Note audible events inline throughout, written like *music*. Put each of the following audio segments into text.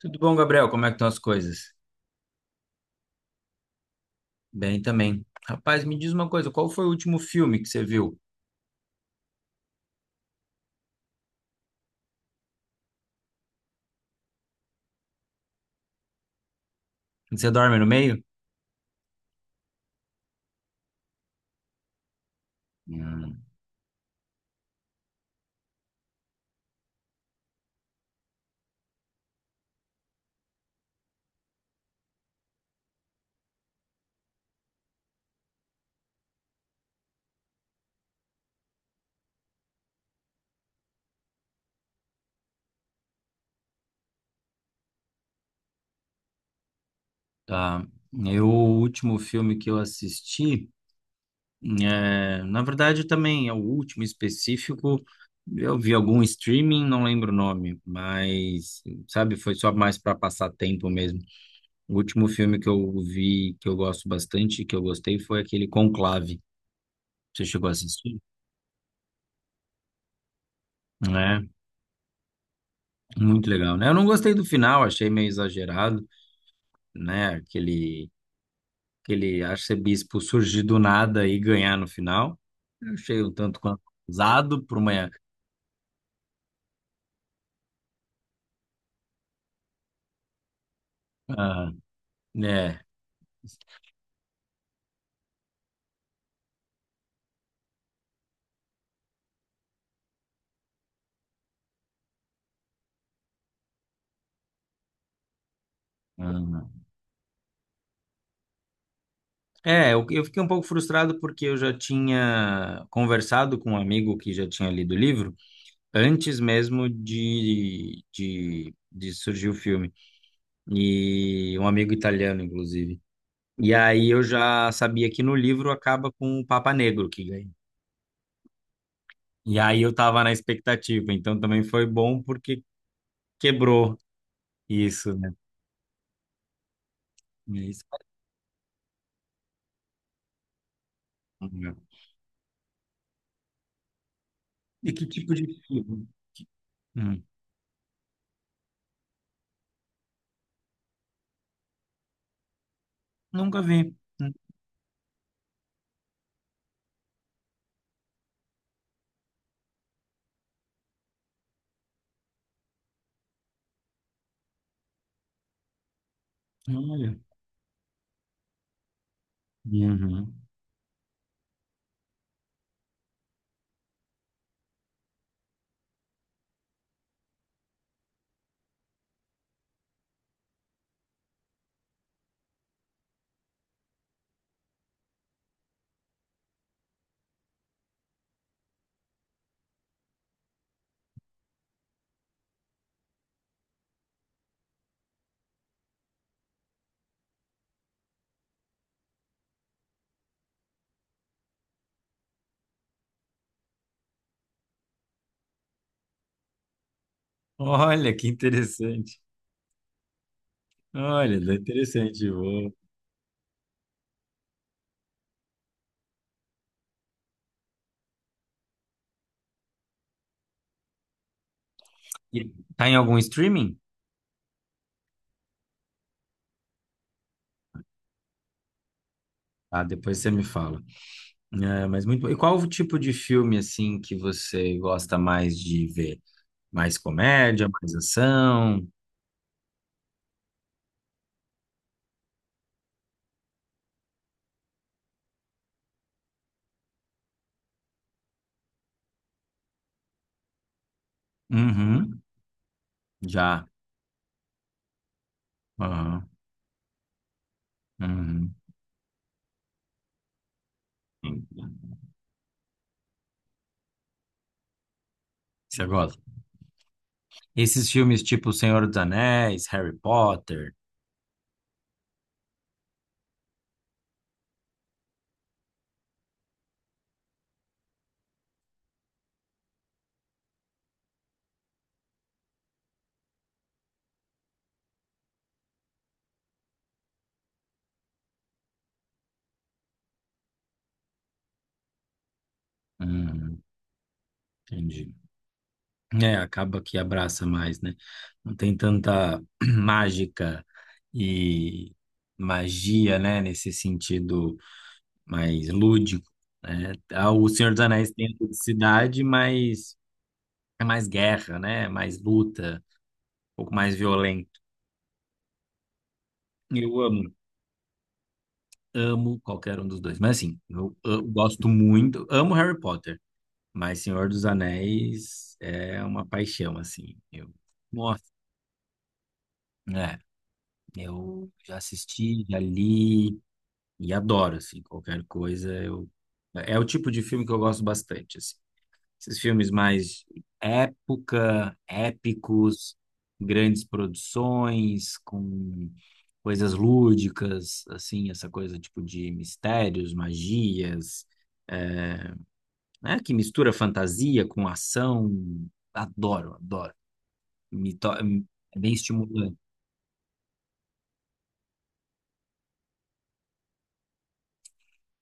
Tudo bom, Gabriel? Como é que estão as coisas? Bem também. Rapaz, me diz uma coisa, qual foi o último filme que você viu? Você dorme no meio? Hum, tá. O último filme que eu assisti, na verdade também é o último específico, eu vi algum streaming, não lembro o nome, mas, sabe, foi só mais para passar tempo mesmo. O último filme que eu vi, que eu gosto bastante, que eu gostei, foi aquele Conclave. Você chegou a assistir? É. Muito legal, né? Eu não gostei do final, achei meio exagerado, né? Aquele arcebispo surgir do nada e ganhar no final. Eu achei um tanto quanto usado por uma. Ah, né? Ah. É, eu fiquei um pouco frustrado porque eu já tinha conversado com um amigo que já tinha lido o livro antes mesmo de surgir o filme. E um amigo italiano, inclusive. E aí eu já sabia que no livro acaba com o Papa Negro que ganha. E aí eu tava na expectativa, então também foi bom porque quebrou isso, né? É isso. E que tipo de filme? Hum. Nunca vi. Hum. Olha. Uhum. Olha, que interessante. Olha, é interessante. Vou... E tá em algum streaming? Ah, depois você me fala. É, mas muito bom. E qual o tipo de filme assim que você gosta mais de ver? Mais comédia, mais ação? Uhum. Já. Aham. Uhum. Você gosta? Esses filmes tipo Senhor dos Anéis, Harry Potter, hum, entendi. É, acaba que abraça mais, né? Não tem tanta *clears throat* mágica e magia, né? Nesse sentido mais lúdico, né? Ah, o Senhor dos Anéis tem a ludicidade, mas é mais guerra, né? Mais luta, um pouco mais violento. Eu amo, amo qualquer um dos dois. Mas assim, eu gosto muito, amo Harry Potter. Mas Senhor dos Anéis é uma paixão, assim. Eu, nossa, é, eu já assisti, já li e adoro, assim, qualquer coisa. Eu, é o tipo de filme que eu gosto bastante, assim. Esses filmes mais épicos, grandes produções, com coisas lúdicas, assim, essa coisa tipo de mistérios, magias, eh, né? Que mistura fantasia com ação. Adoro, adoro. É bem estimulante.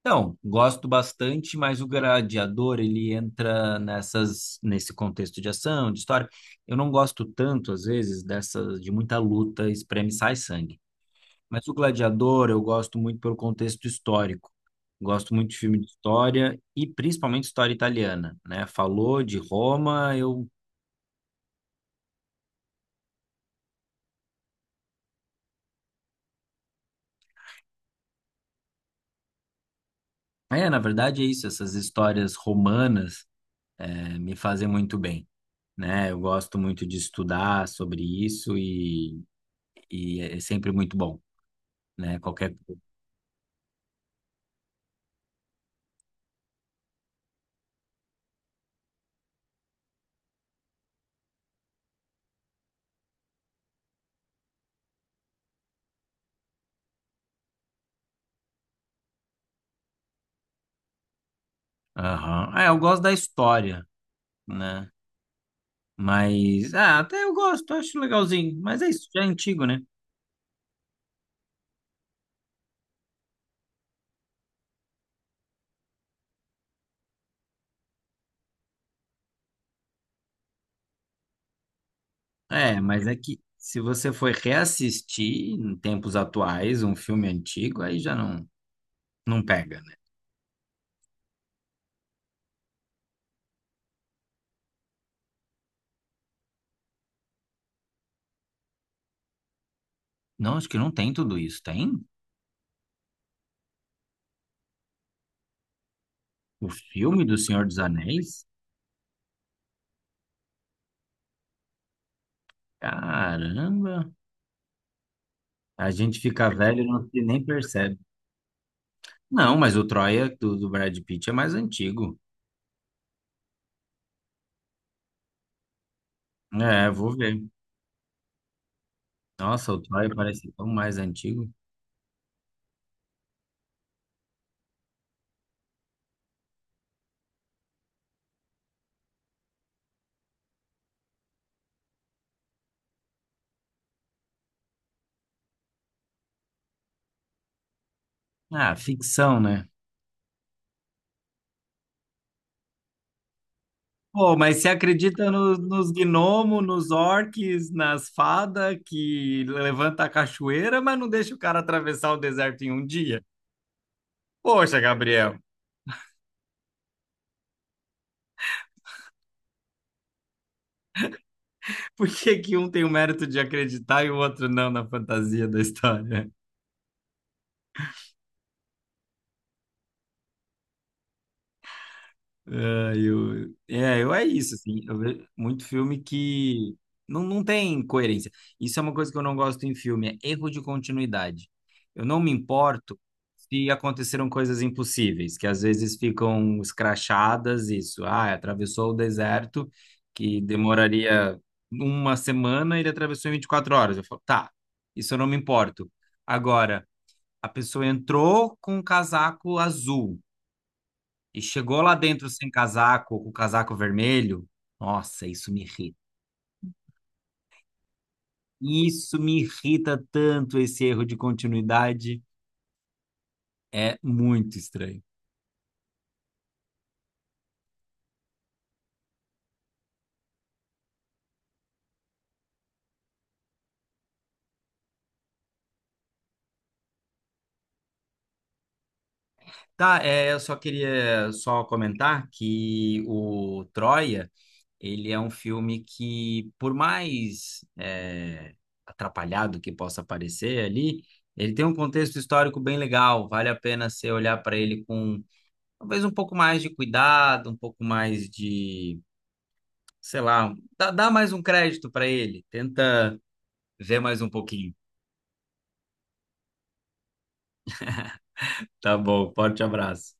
Então, gosto bastante, mas o Gladiador, ele entra nesse contexto de ação, de história. Eu não gosto tanto, às vezes, de muita luta, espreme, e sai sangue. Mas o Gladiador eu gosto muito pelo contexto histórico. Gosto muito de filme de história e principalmente história italiana, né? Falou de Roma, eu... É, na verdade é isso, essas histórias romanas me fazem muito bem, né? Eu gosto muito de estudar sobre isso e é sempre muito bom, né? Qualquer. Aham. Ah, eu gosto da história, né? Mas, ah, até eu gosto, acho legalzinho. Mas é isso, já é antigo, né? É, mas é que se você for reassistir em tempos atuais um filme antigo, aí já não, não pega, né? Não, acho que não tem tudo isso, tem? O filme do Senhor dos Anéis? Caramba! A gente fica velho e não se nem percebe. Não, mas o Troia do Brad Pitt é mais antigo. É, vou ver. Nossa, o Troia parece tão mais antigo. Ah, ficção, né? Pô, mas você acredita nos gnomos, nos orques, nas fadas que levanta a cachoeira, mas não deixa o cara atravessar o deserto em um dia? Poxa, Gabriel, *laughs* por que que um tem o mérito de acreditar e o outro não na fantasia da história? É, eu, é, eu é isso, assim. Eu vejo muito filme que não tem coerência. Isso é uma coisa que eu não gosto em filme, é erro de continuidade. Eu não me importo se aconteceram coisas impossíveis, que às vezes ficam escrachadas, isso. Ah, atravessou o deserto, que demoraria uma semana, ele atravessou em 24 horas. Eu falo, tá, isso eu não me importo. Agora, a pessoa entrou com um casaco azul. E chegou lá dentro sem casaco, com o casaco vermelho. Nossa, isso me irrita. Isso me irrita tanto, esse erro de continuidade. É muito estranho. Tá, é, eu só queria só comentar que o Troia, ele é um filme que, por mais atrapalhado que possa parecer ali, ele tem um contexto histórico bem legal. Vale a pena você olhar para ele com talvez um pouco mais de cuidado, um pouco mais de sei lá, dá mais um crédito para ele, tenta ver mais um pouquinho. Tá bom, forte abraço.